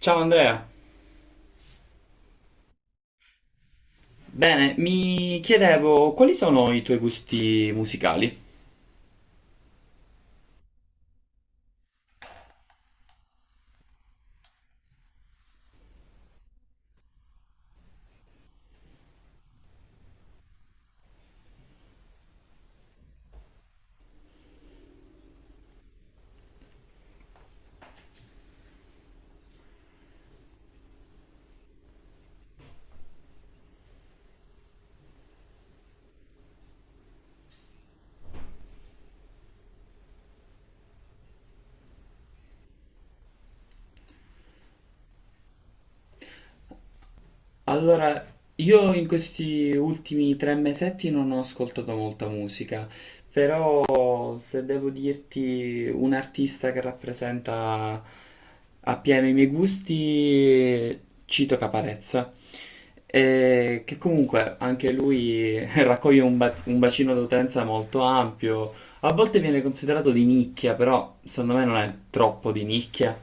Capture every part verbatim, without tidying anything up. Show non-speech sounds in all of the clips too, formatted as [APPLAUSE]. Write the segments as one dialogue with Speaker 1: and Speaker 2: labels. Speaker 1: Ciao Andrea, bene, mi chiedevo quali sono i tuoi gusti musicali? Allora, io in questi ultimi tre mesetti non ho ascoltato molta musica, però se devo dirti un artista che rappresenta appieno i miei gusti, cito Caparezza, eh, che comunque anche lui [LAUGHS] raccoglie un, ba- un bacino d'utenza molto ampio. A volte viene considerato di nicchia, però secondo me non è troppo di nicchia.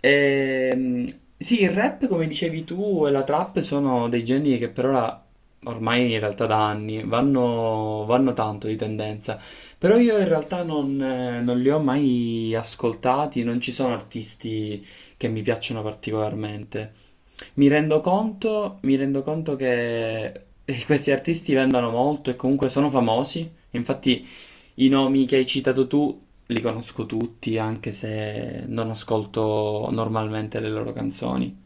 Speaker 1: Ehm, sì, il rap, come dicevi tu, e la trap sono dei generi che per ora, ormai in realtà da anni, vanno, vanno tanto di tendenza. Però io in realtà non, eh, non li ho mai ascoltati, non ci sono artisti che mi piacciono particolarmente. Mi rendo conto, mi rendo conto che eh, questi artisti vendono molto e comunque sono famosi. Infatti, i nomi che hai citato tu li conosco tutti, anche se non ascolto normalmente le loro canzoni.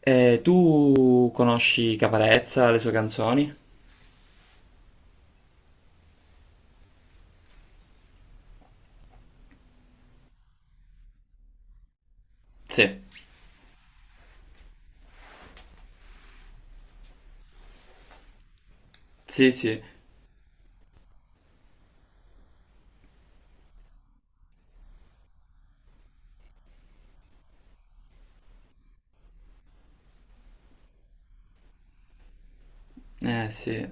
Speaker 1: Eh, tu conosci Caparezza, le sue canzoni? Sì, sì, sì, eh sì,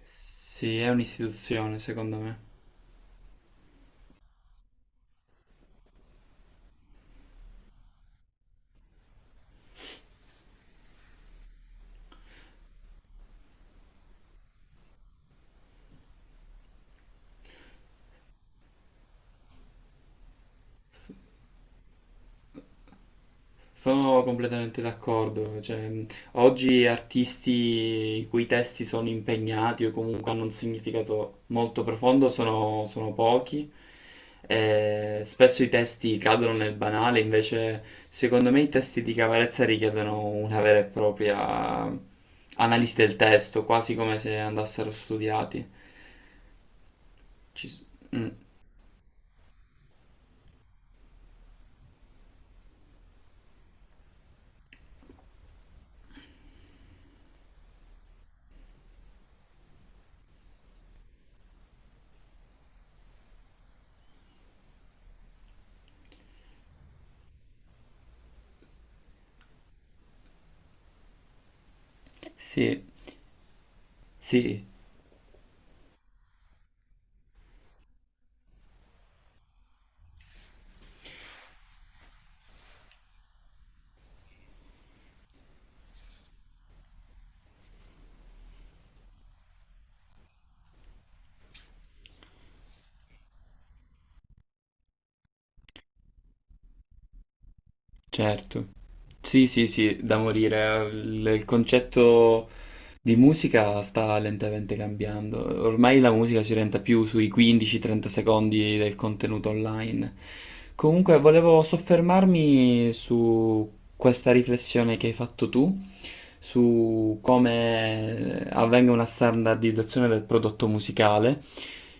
Speaker 1: sì, è un'istituzione secondo me. Sì. Sono completamente d'accordo, cioè, mh, oggi artisti i cui testi sono impegnati o comunque hanno un significato molto profondo sono, sono pochi, e spesso i testi cadono nel banale, invece secondo me i testi di Cavarezza richiedono una vera e propria analisi del testo, quasi come se andassero studiati. Ci s- mm, Sì, sì. Certo. Sì, sì, sì, da morire. Il, il concetto di musica sta lentamente cambiando. Ormai la musica si orienta più sui quindici trenta secondi del contenuto online. Comunque, volevo soffermarmi su questa riflessione che hai fatto tu, su come avvenga una standardizzazione del prodotto musicale.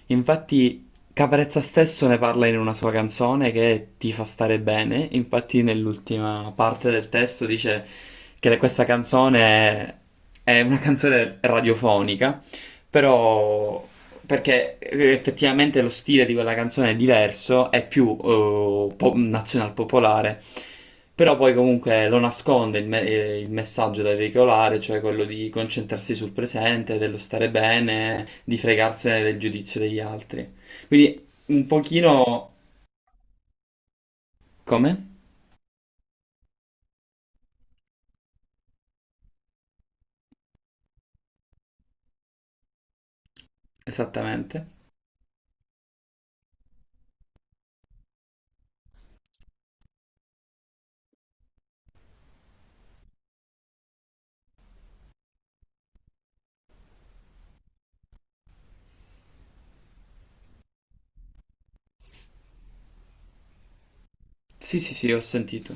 Speaker 1: Infatti, Caparezza stesso ne parla in una sua canzone che ti fa stare bene, infatti nell'ultima parte del testo dice che questa canzone è una canzone radiofonica, però perché eh, effettivamente lo stile di quella canzone è diverso, è più eh, po- nazional popolare, però poi comunque lo nasconde il, me- eh, il messaggio da veicolare, cioè quello di concentrarsi sul presente, dello stare bene, di fregarsene del giudizio degli altri. Quindi un pochino. Come? Esattamente. Sì, sì, sì, ho sentito.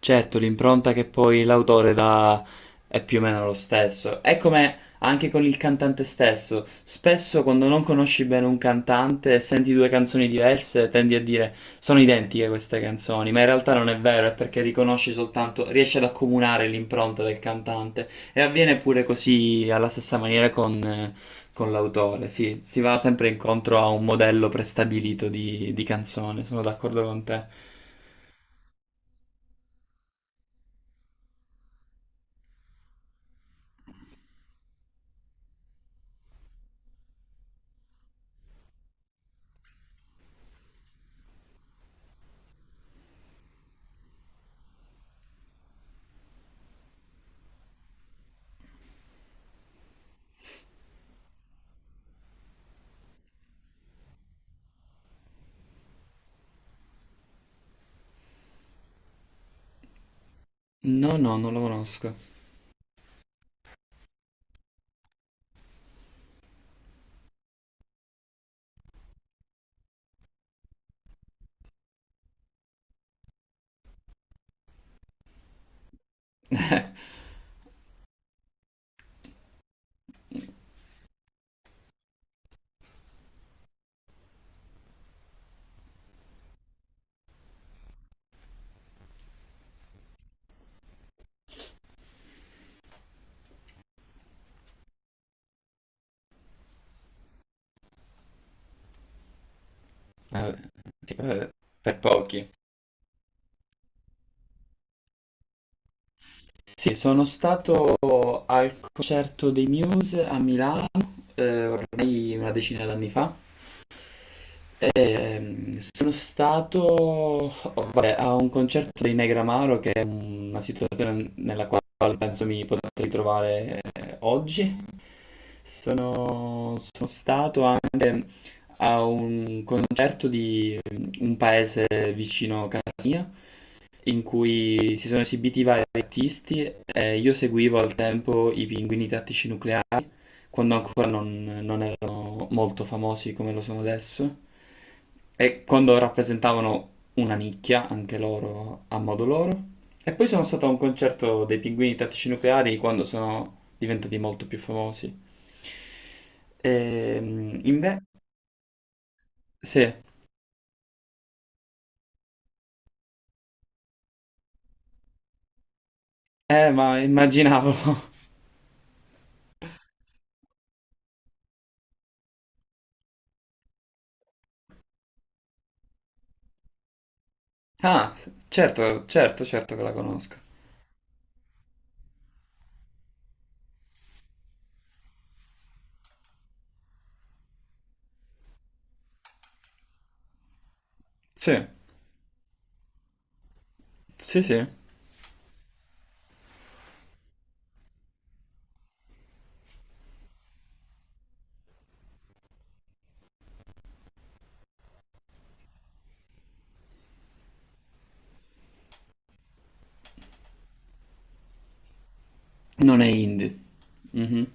Speaker 1: Certo, l'impronta che poi l'autore dà è più o meno lo stesso. È come anche con il cantante stesso. Spesso quando non conosci bene un cantante e senti due canzoni diverse, tendi a dire sono identiche queste canzoni, ma in realtà non è vero, è perché riconosci soltanto, riesci ad accomunare l'impronta del cantante. E avviene pure così alla stessa maniera con, eh, con l'autore. Sì, si va sempre incontro a un modello prestabilito di di canzone, sono d'accordo con te. No, no, non lo conosco. Ah, sì, per, per pochi. Sì, sono stato al concerto dei Muse a Milano, eh, ormai una decina d'anni fa. E, ehm, sono stato, oh, vabbè, a un concerto dei Negramaro, che è una situazione nella quale penso mi potrei trovare eh, oggi. Sono, sono stato anche a un concerto di un paese vicino a casa mia in cui si sono esibiti vari artisti e io seguivo al tempo i Pinguini Tattici Nucleari quando ancora non, non erano molto famosi come lo sono adesso e quando rappresentavano una nicchia anche loro a modo loro. E poi sono stato a un concerto dei Pinguini Tattici Nucleari quando sono diventati molto più famosi. Ehm, inve- sì, eh, ma immaginavo. [LAUGHS] Ah, s- certo, certo, certo che la conosco. Sì, sì, sì. Non è indie. Mhm.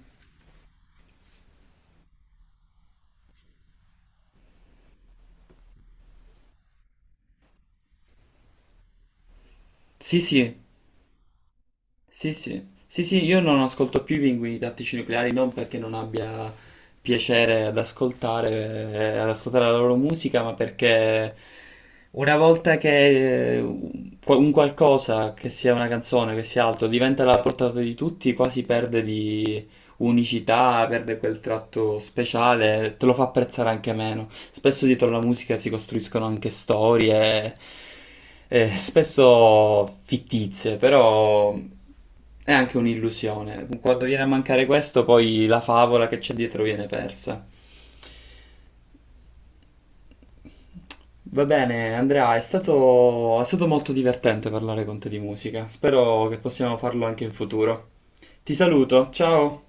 Speaker 1: Sì, sì, sì, sì. Sì, sì, io non ascolto più i Pinguini Tattici Nucleari, non perché non abbia piacere ad ascoltare, eh, ad ascoltare la loro musica, ma perché una volta che eh, un un qualcosa, che sia una canzone, che sia altro, diventa alla portata di tutti, quasi perde di unicità, perde quel tratto speciale, te lo fa apprezzare anche meno. Spesso dietro la musica si costruiscono anche storie, eh, spesso fittizie, però è anche un'illusione. Quando viene a mancare questo, poi la favola che c'è dietro viene persa. Va bene, Andrea, è stato, è stato molto divertente parlare con te di musica. Spero che possiamo farlo anche in futuro. Ti saluto, ciao!